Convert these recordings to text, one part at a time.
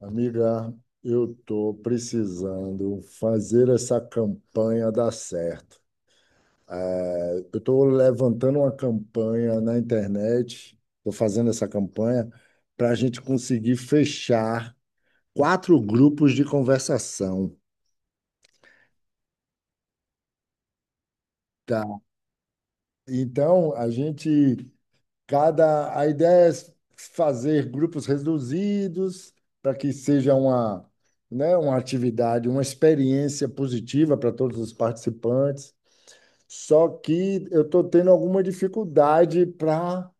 Amiga, eu estou precisando fazer essa campanha dar certo. Eu estou levantando uma campanha na internet, estou fazendo essa campanha para a gente conseguir fechar quatro grupos de conversação, tá? Então, a ideia é fazer grupos reduzidos para que seja uma, né, uma atividade, uma experiência positiva para todos os participantes. Só que eu estou tendo alguma dificuldade para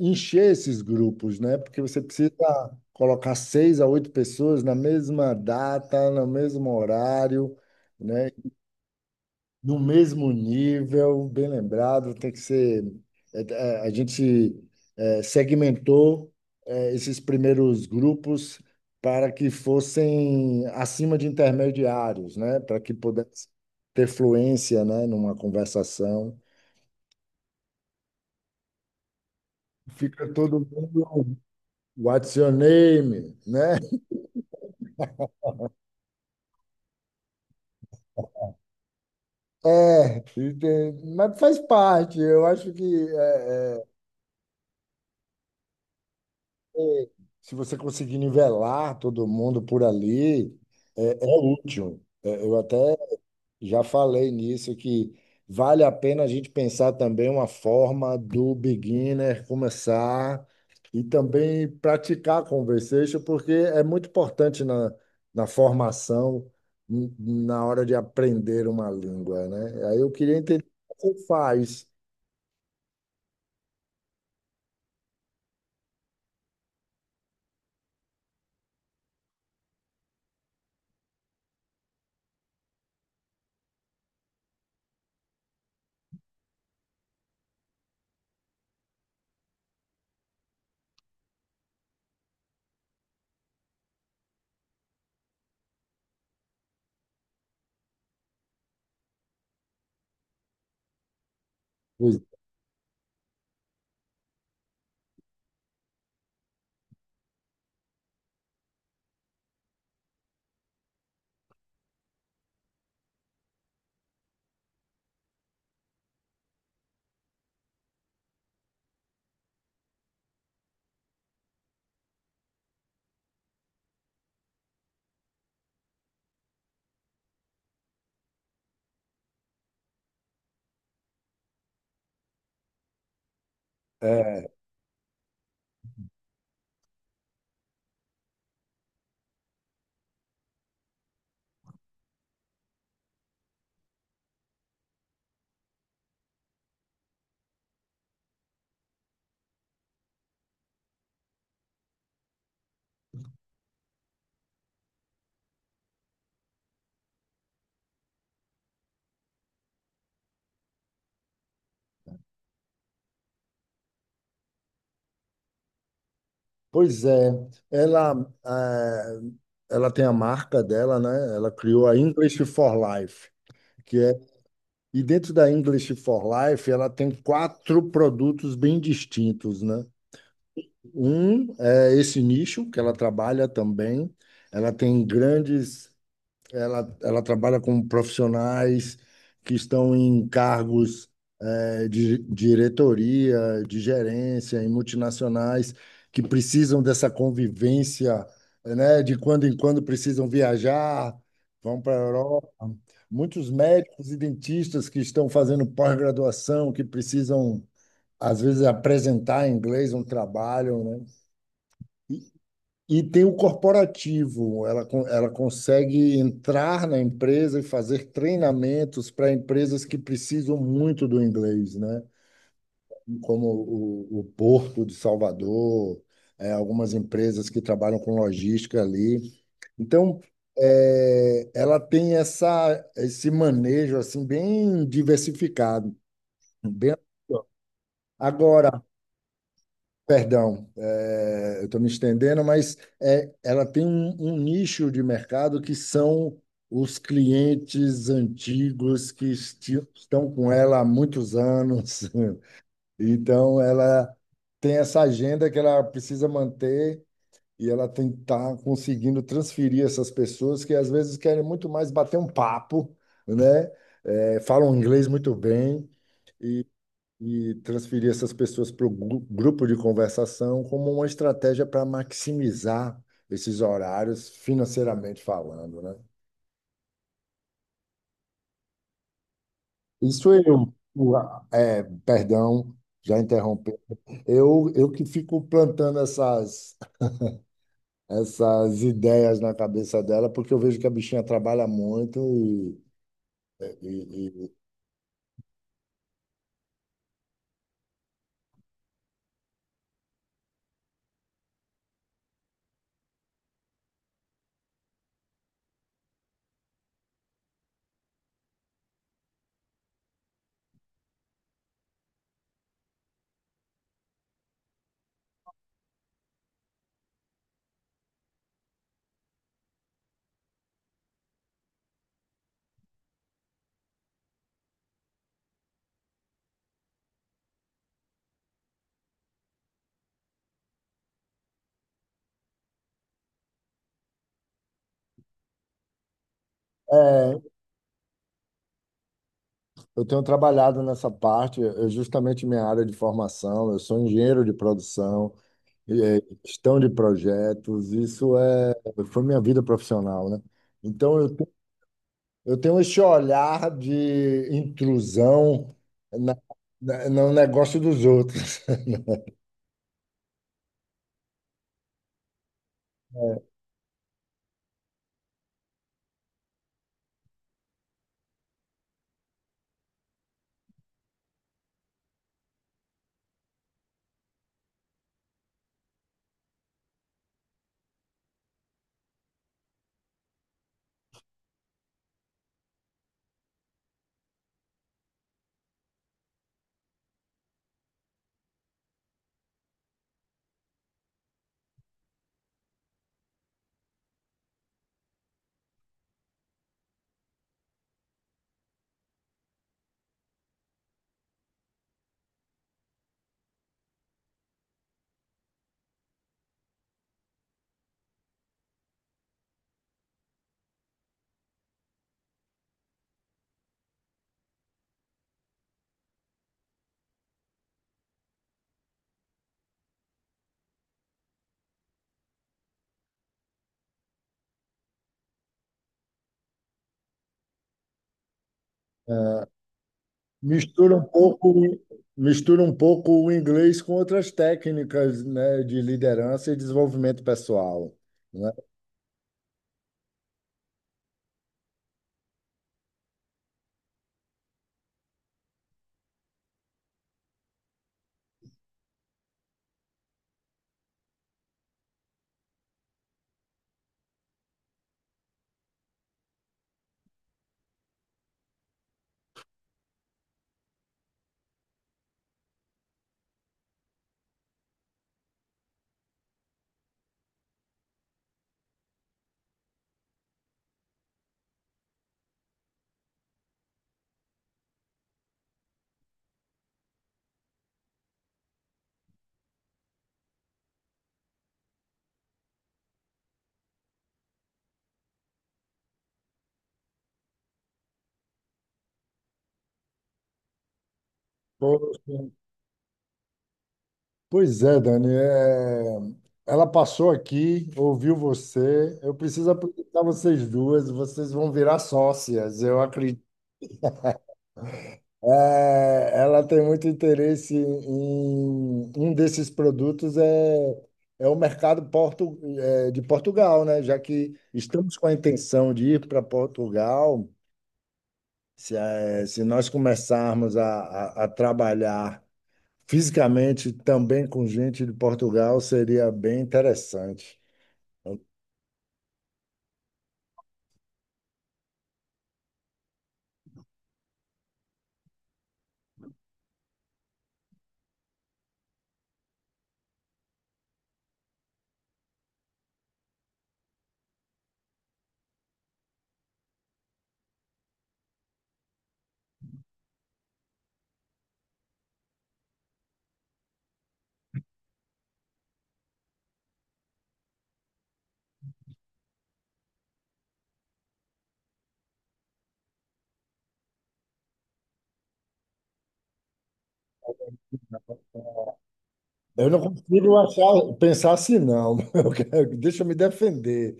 encher esses grupos, né? Porque você precisa colocar seis a oito pessoas na mesma data, no mesmo horário, né? No mesmo nível, bem lembrado, tem que ser. A gente segmentou esses primeiros grupos para que fossem acima de intermediários, né? Para que pudesse ter fluência, né? Numa conversação. Fica todo mundo, what's your name, né? Mas faz parte. Eu acho que é, é, se você conseguir nivelar todo mundo por ali, é útil. É, eu até já falei nisso que vale a pena a gente pensar também uma forma do beginner começar e também praticar conversation, porque é muito importante na, na formação, na hora de aprender uma língua, né? Aí eu queria entender como faz. Pois é, pois é. ela, eh, Ela tem a marca dela, né? Ela criou a English for Life. Que é E dentro da English for Life, ela tem quatro produtos bem distintos, né? Um é esse nicho que ela trabalha também. Ela tem grandes, Ela trabalha com profissionais que estão em cargos de diretoria, de gerência em multinacionais que precisam dessa convivência, né? De quando em quando precisam viajar, vão para a Europa. Muitos médicos e dentistas que estão fazendo pós-graduação, que precisam, às vezes, apresentar em inglês um trabalho, né? E, e tem o corporativo, ela consegue entrar na empresa e fazer treinamentos para empresas que precisam muito do inglês, né? Como o Porto de Salvador, é, algumas empresas que trabalham com logística ali. Então, ela tem esse manejo assim bem diversificado, bem. Agora, perdão, eu estou me estendendo, mas ela tem um nicho de mercado que são os clientes antigos que estão com ela há muitos anos. Então, ela tem essa agenda que ela precisa manter e ela tem que estar conseguindo transferir essas pessoas que às vezes querem muito mais bater um papo, né? É, falam inglês muito bem e, e transferir essas pessoas para o grupo de conversação como uma estratégia para maximizar esses horários financeiramente falando, né? Isso eu, o- perdão, já interrompi. Eu que fico plantando essas ideias na cabeça dela, porque eu vejo que a bichinha trabalha muito e é, eu tenho trabalhado nessa parte, é justamente minha área de formação, eu sou engenheiro de produção, gestão de projetos, isso é, foi minha vida profissional, né? Então eu, te- eu tenho esse olhar de intrusão na, no negócio dos outros. Mistura um pouco, mistura um pouco o inglês com outras técnicas, né, de liderança e desenvolvimento pessoal, né? Poxa, pois é, Dani, é, ela passou aqui, ouviu você. Eu preciso apresentar vocês duas, vocês vão virar sócias, eu. É, ela tem muito interesse em um desses produtos. É o mercado de Portugal, né? Já que estamos com a intenção de ir para Portugal, se nós começarmos a trabalhar fisicamente também com gente de Portugal, seria bem interessante. Eu não consigo achar, pensar assim, não. Deixa eu me defender.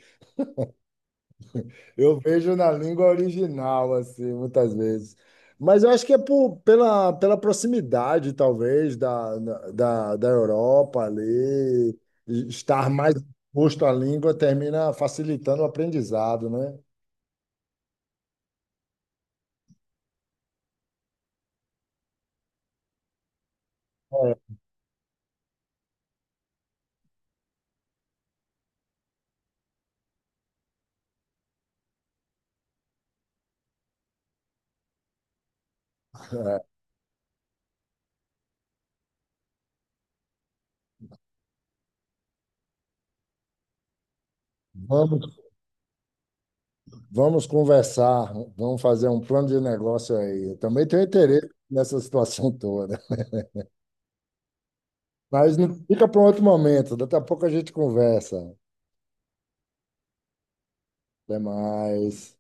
Eu vejo na língua original, assim, muitas vezes. Mas eu acho que é por, pela, pela proximidade, talvez, da Europa ali, e estar mais exposto à língua termina facilitando o aprendizado, né? É, vamos, vamos conversar, vamos fazer um plano de negócio aí. Eu também tenho interesse nessa situação toda. Mas não, fica para um outro momento, daqui a pouco a gente conversa. Até mais.